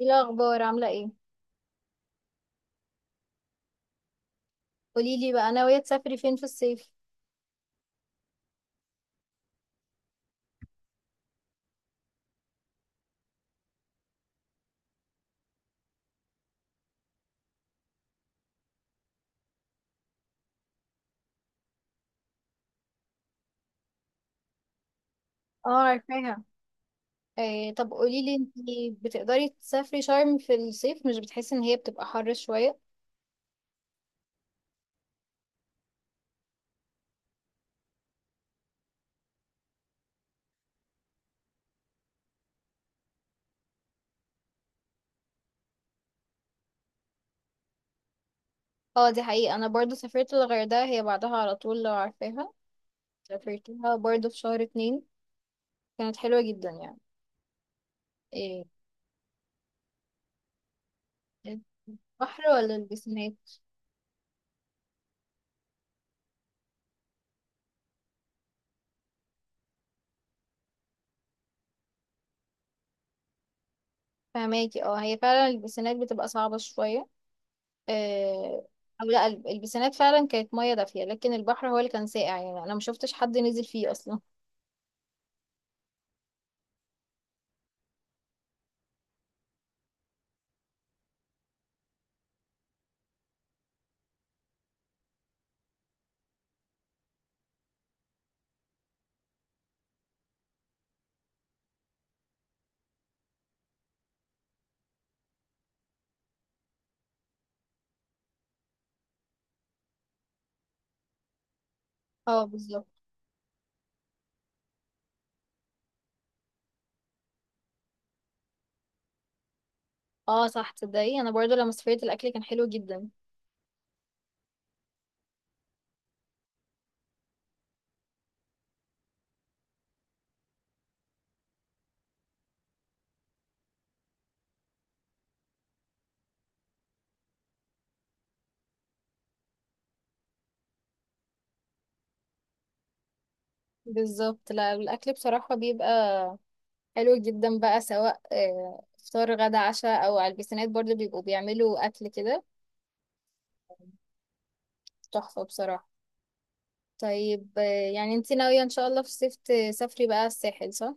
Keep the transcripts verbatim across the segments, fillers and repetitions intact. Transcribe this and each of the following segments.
ايه الاخبار عامله ايه؟ قولي لي بقى، ناويه تسافري فين في الصيف؟ اه، عارفاها. إيه، طب قولي لي، انتي بتقدري تسافري شرم في الصيف؟ مش بتحسي ان هي بتبقى حر شويه؟ اه، دي حقيقه. انا برضو سافرت الغردقه، هي بعدها على طول لو عارفاها. سافرتها برضو في شهر اتنين. كانت حلوه جدا يعني. إيه. البحر ولا البسينات؟ فهماكي. اه هي فعلا البسينات بتبقى صعبه شويه. إيه. او لا، البسينات فعلا كانت ميه دافيه، لكن البحر هو اللي كان ساقع، يعني انا ما شفتش حد نزل فيه اصلا. اه، بالظبط. اه صح، تصدقي انا برضو لما سافرت الاكل كان حلو جدا. بالظبط. لا الاكل بصراحه بيبقى حلو جدا بقى، سواء آه، فطار غدا عشاء، او على البيسينات برضو بيبقوا بيعملوا اكل كده. تحفه بصراحه. طيب. آه، يعني انتي ناويه ان شاء الله في الصيف تسافري بقى الساحل، صح؟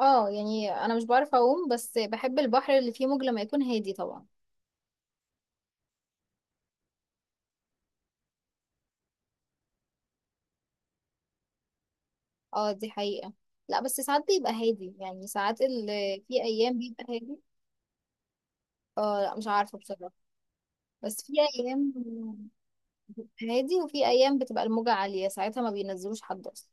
اه يعني انا مش بعرف اعوم، بس بحب البحر اللي فيه موج لما يكون هادي طبعا. اه، دي حقيقه. لا بس ساعات بيبقى هادي، يعني ساعات ال- في ايام بيبقى هادي. اه لا، مش عارفه بصراحه. بس في ايام هادي، وفي ايام بتبقى الموجة عالية، ساعتها ما بينزلوش حد اصلا.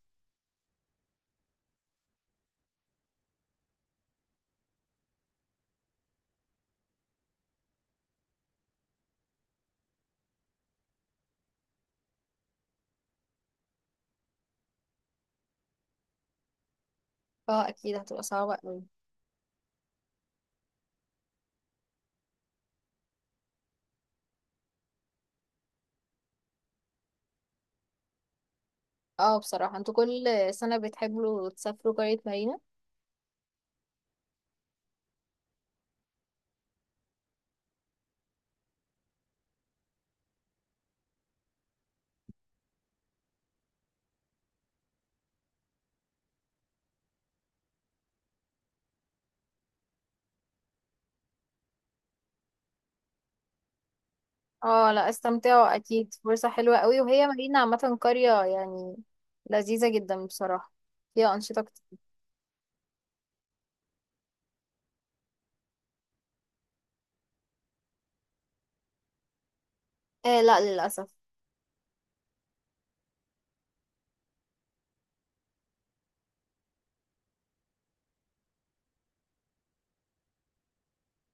اه اكيد هتبقى صعبة قوي. اه بصراحة، انتوا كل سنة بتحبوا تسافروا قرية مارينا؟ اه لا، استمتعوا، اكيد فرصة حلوة قوي، وهي مارينا عامة قرية يعني لذيذة جدا بصراحة، فيها أنشطة كتير. آه لا، للأسف.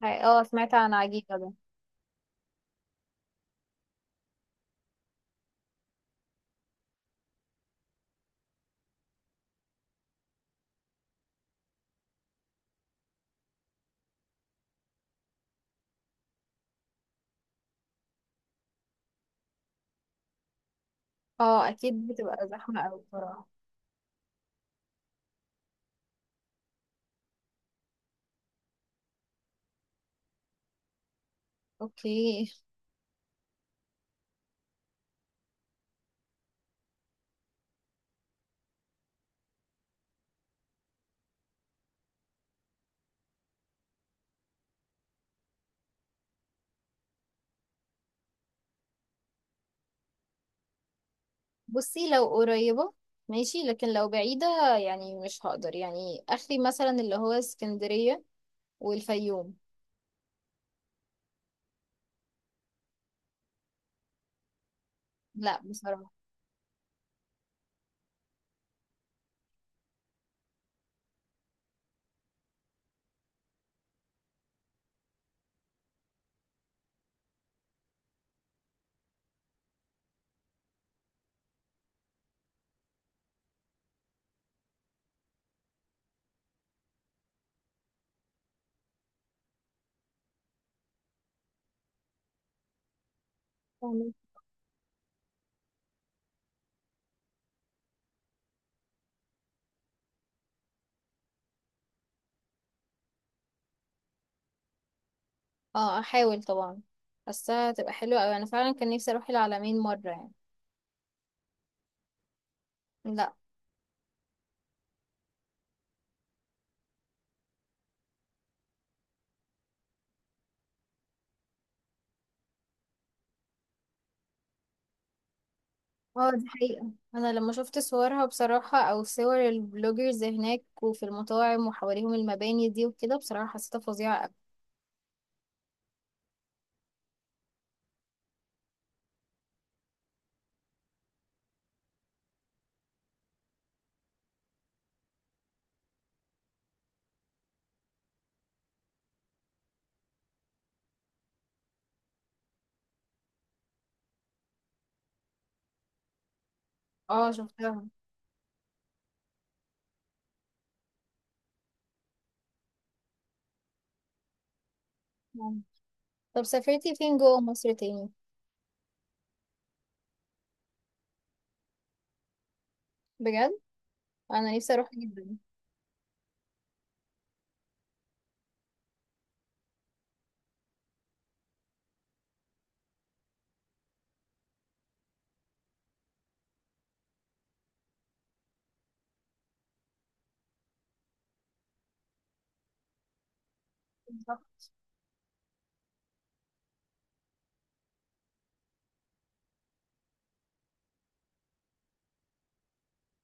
اه، سمعت عن عجيبة ده. اه اكيد بتبقى زحمة قوي بصراحة. اوكي. بصي لو قريبة ماشي، لكن لو بعيدة يعني مش هقدر، يعني اخري مثلا اللي هو اسكندرية والفيوم. لا بصراحة. فاهمة. اه احاول طبعا، بس هتبقى حلوة اوي، انا فعلا كان نفسي اروح العلمين مرة يعني. لا. اه دي حقيقة، انا لما شفت صورها بصراحة او صور البلوجرز هناك وفي المطاعم وحواليهم المباني دي وكده، بصراحة حسيتها فظيعة اوي. اه شفتها. طب سافرتي فين جوه مصر تاني؟ بجد، انا نفسي اروح جدا.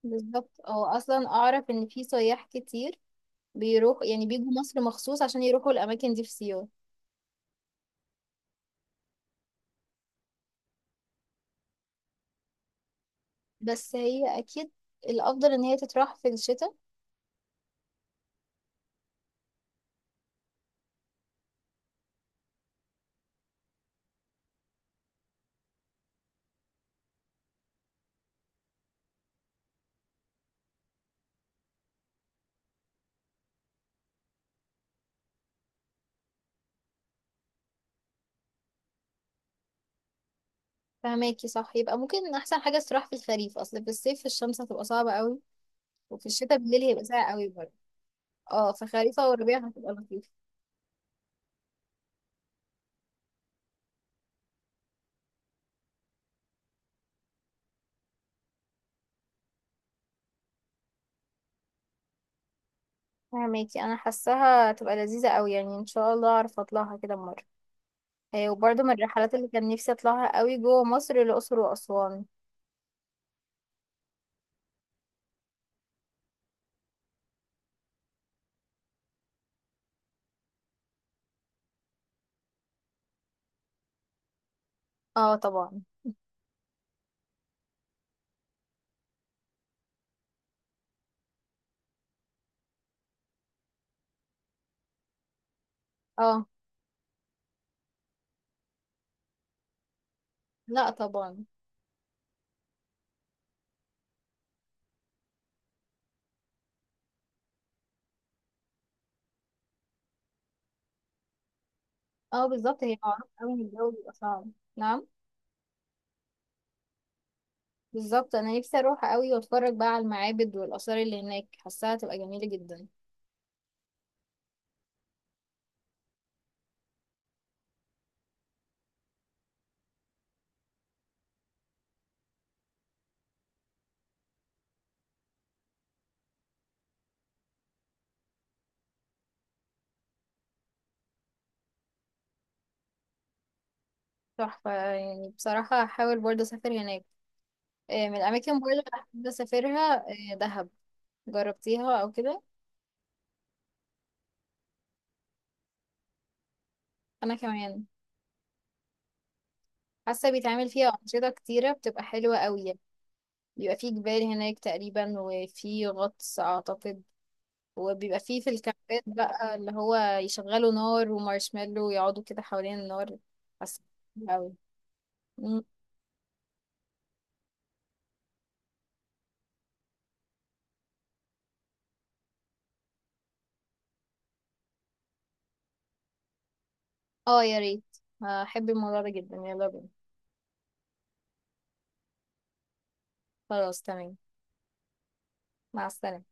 بالظبط، هو اصلا اعرف ان في سياح كتير بيروح، يعني بيجوا مصر مخصوص عشان يروحوا الاماكن دي في سيوة. بس هي اكيد الافضل ان هي تتراح في الشتاء. فهماكي، صح، يبقى ممكن احسن حاجة تتراح في الخريف، اصل في الصيف الشمس هتبقى صعبة قوي. وفي الشتاء بالليل هيبقى ساقع قوي برضه. اه فخريفة وربيع هتبقى لطيفة. فهماكي، انا حاساها هتبقى لذيذة قوي يعني، ان شاء الله اعرف اطلعها كده مرة. هي وبرضه من الرحلات اللي كان نفسي اطلعها قوي جوه مصر، الاقصر واسوان. اه طبعا. اه لا طبعا. اه بالظبط، هي معروفة قوي ان الجو بيبقى صعب، نعم. بالظبط، انا نفسي اروح قوي واتفرج بقى على المعابد والاثار اللي هناك، حاساها تبقى جميلة جدا. تحفة يعني، بصراحة هحاول برضه اسافر هناك. آه، من الاماكن برضه اللي بحب اسافرها آه، دهب، جربتيها او كده؟ انا كمان. حاسة بيتعمل فيها انشطة كتيرة بتبقى حلوة قوي يعني. بيبقى فيه جبال هناك تقريبا، وفي غطس اعتقد، وبيبقى فيه في الكامبات بقى اللي هو يشغلوا نار ومارشميلو ويقعدوا كده حوالين النار. حاسة. م- اه يا ريت، هحب الموضوع ده جدا، يلا بينا. خلاص تمام. مع السلامة.